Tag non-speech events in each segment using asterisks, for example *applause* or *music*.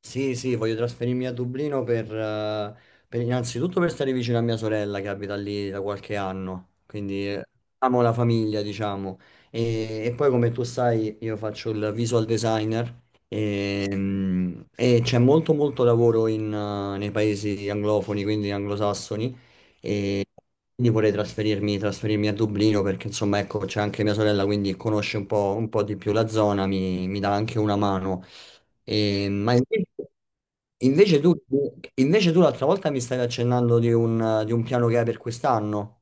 Sì, sì, voglio trasferirmi a Dublino per, innanzitutto per stare vicino a mia sorella che abita lì da qualche anno, amo la famiglia, diciamo. E poi come tu sai, io faccio il visual designer e, e c'è molto molto lavoro in nei paesi anglofoni, quindi anglosassoni, e quindi vorrei trasferirmi a Dublino perché insomma ecco c'è anche mia sorella, quindi conosce un po' di più la zona, mi dà anche una mano. E- ma invece, invece tu, invece tu l'altra volta mi stavi accennando di un piano che hai per quest'anno.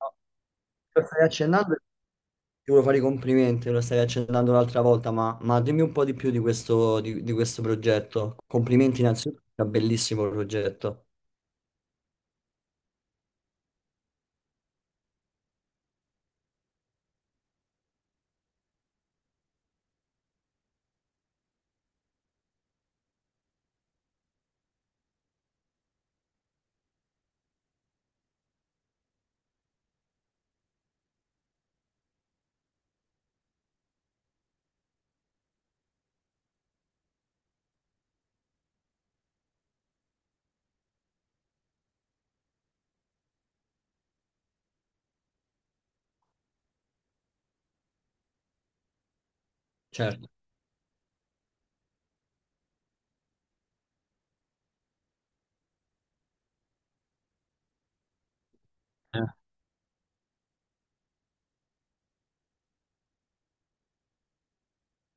No, lo stavi accennando, e ti volevo fare i complimenti, lo stavi accennando l'altra volta, ma dimmi un po' di più di questo, di questo progetto. Complimenti innanzitutto, è un bellissimo progetto. Certo.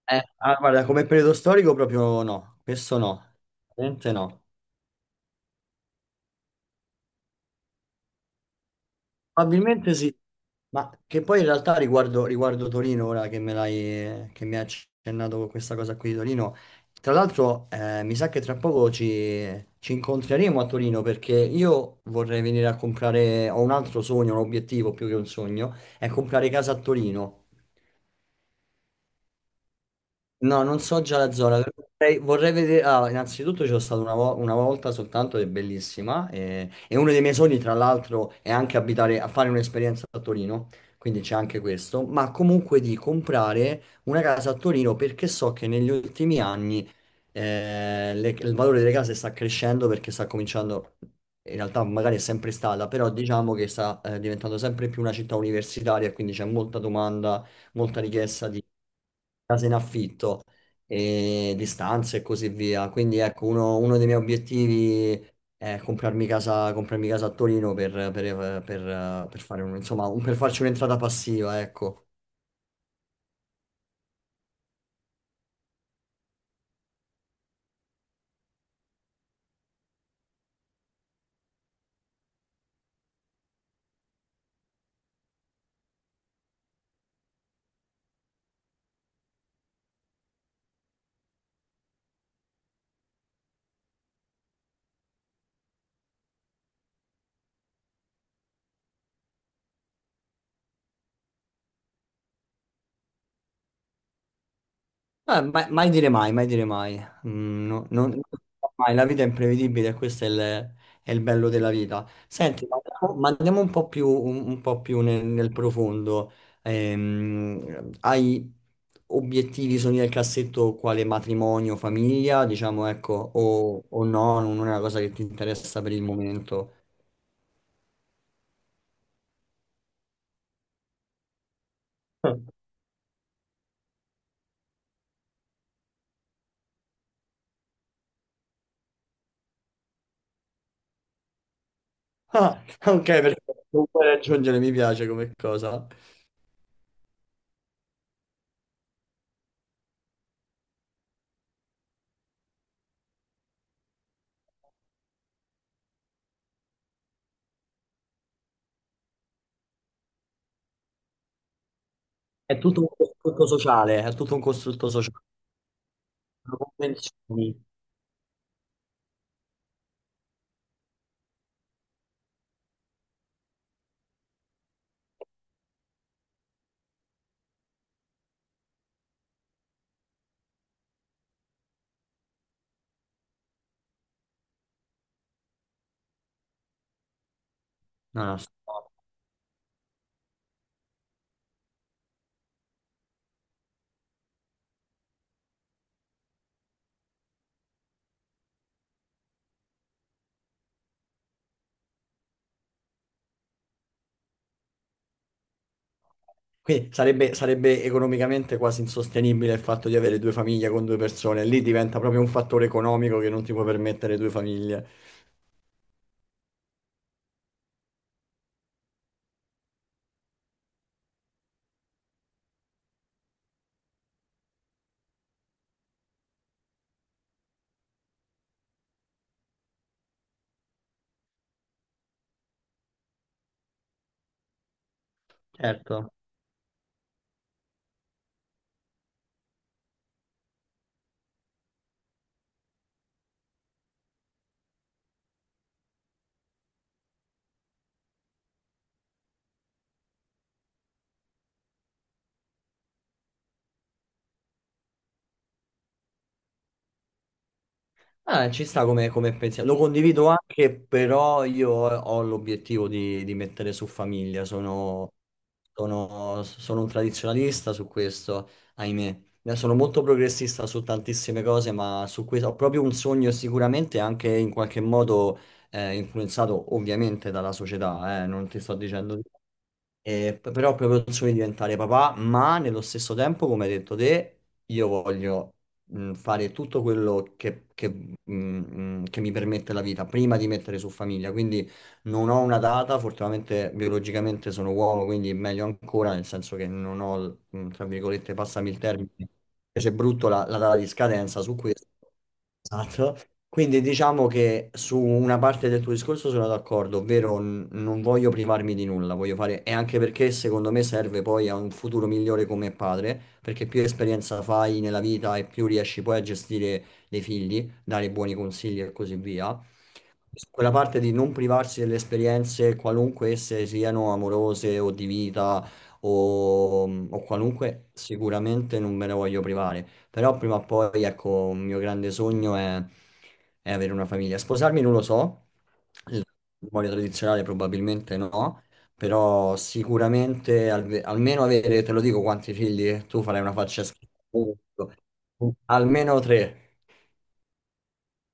Guarda, come periodo storico proprio no, questo no, veramente no. Probabilmente sì. Ma che poi in realtà riguardo Torino, ora che che mi hai accennato con questa cosa qui di Torino, tra l'altro mi sa che tra poco ci incontreremo a Torino perché io vorrei venire a comprare, ho un altro sogno, un obiettivo più che un sogno, è comprare casa a Torino. No, non so già la zona, però vorrei vedere. Innanzitutto c'è stato una volta soltanto ed è bellissima e uno dei miei sogni, tra l'altro, è anche abitare, a fare un'esperienza a Torino, quindi c'è anche questo, ma comunque di comprare una casa a Torino perché so che negli ultimi anni il valore delle case sta crescendo perché sta cominciando, in realtà magari è sempre stata, però diciamo che sta diventando sempre più una città universitaria, quindi c'è molta domanda, molta richiesta case in affitto e di stanze e così via. Quindi ecco, uno dei miei obiettivi è comprarmi casa a Torino per fare per farci un'entrata passiva, ecco. Mai dire mai, mai dire mai. Non si sa mai, la vita è imprevedibile e questo è è il bello della vita. Senti, ma andiamo un po' più nel profondo. Hai obiettivi, sogni nel cassetto, quale matrimonio, famiglia, diciamo, ecco, o no, non è una cosa che ti interessa per il momento. *laughs* Ah, ok, perché non puoi raggiungere, mi piace come cosa. È tutto un costrutto sociale, è tutto un costrutto sociale. Lo convenzioni. No, no, sto- Qui sarebbe, sarebbe economicamente quasi insostenibile il fatto di avere due famiglie con due persone. Lì diventa proprio un fattore economico che non ti può permettere due famiglie. Certo. Ah, ci sta come, come pensiero. Lo condivido anche, però io ho l'obiettivo di mettere su famiglia. Sono un tradizionalista su questo, ahimè. Sono molto progressista su tantissime cose, ma su questo ho proprio un sogno e sicuramente anche in qualche modo influenzato ovviamente dalla società, non ti sto dicendo di no. Però ho proprio il sogno di diventare papà, ma nello stesso tempo, come hai detto te, io voglio fare tutto quello che mi permette la vita prima di mettere su famiglia. Quindi non ho una data, fortunatamente biologicamente sono uomo, quindi meglio ancora, nel senso che non ho, tra virgolette, passami il termine, c'è brutto la data di scadenza su questo. Esatto. Quindi diciamo che su una parte del tuo discorso sono d'accordo, ovvero non voglio privarmi di nulla, voglio fare, e anche perché secondo me serve poi a un futuro migliore come padre, perché più esperienza fai nella vita e più riesci poi a gestire dei figli, dare buoni consigli e così via quella parte di non privarsi delle esperienze, qualunque esse siano amorose o di vita o, o qualunque, sicuramente non me ne voglio privare. Però prima o poi, ecco, un mio grande sogno è avere una famiglia. Sposarmi non lo so, il matrimonio tradizionale probabilmente no, però sicuramente almeno avere, te lo dico quanti figli, tu farai una faccia schifosa. Almeno tre,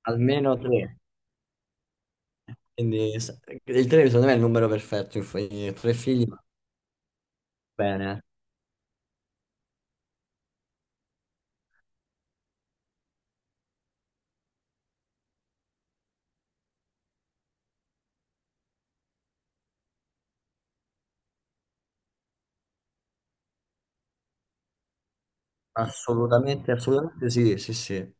almeno tre. Quindi s- il 3 secondo me è il numero perfetto, tre figli va bene, eh. Assolutamente, assolutamente sì,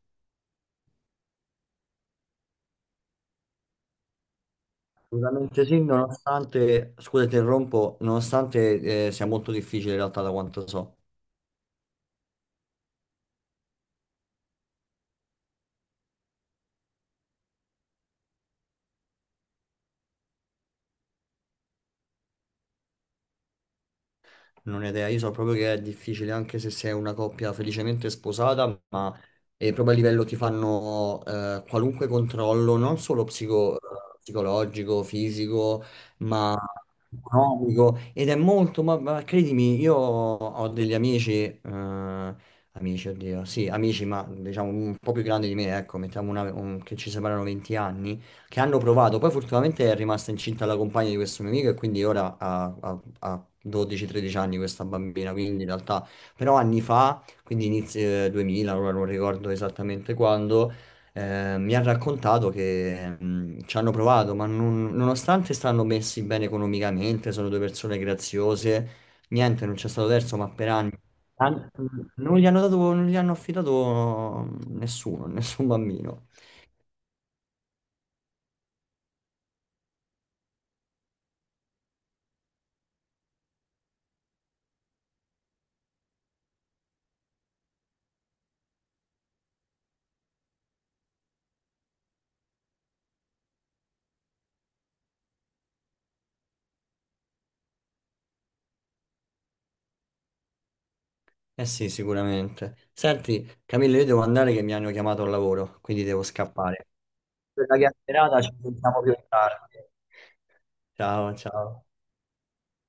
assolutamente sì, nonostante, scusa, ti interrompo, nonostante sia molto difficile in realtà da quanto so. Non ho idea, io so proprio che è difficile anche se sei una coppia felicemente sposata, ma è proprio a livello ti fanno qualunque controllo, non solo psicologico, fisico, ma economico. Ed è molto, ma credimi, io ho degli amici, amici, oddio, sì, amici, ma diciamo un po' più grandi di me, ecco, che ci separano 20 anni, che hanno provato, poi fortunatamente è rimasta incinta la compagna di questo mio amico e quindi ora ha 12-13 anni questa bambina, quindi in realtà, però anni fa, quindi inizio 2000, ora non ricordo esattamente quando, mi ha raccontato che ci hanno provato, ma nonostante stanno messi bene economicamente, sono due persone graziose, niente, non c'è stato terzo, ma per anni, an- non gli hanno dato, non gli hanno affidato nessuno, *laughs* nessun bambino. Eh sì, sicuramente. Senti, Camillo, io devo andare che mi hanno chiamato al lavoro, quindi devo scappare. Per la chiacchierata, ci sentiamo più tardi. Ciao, ciao.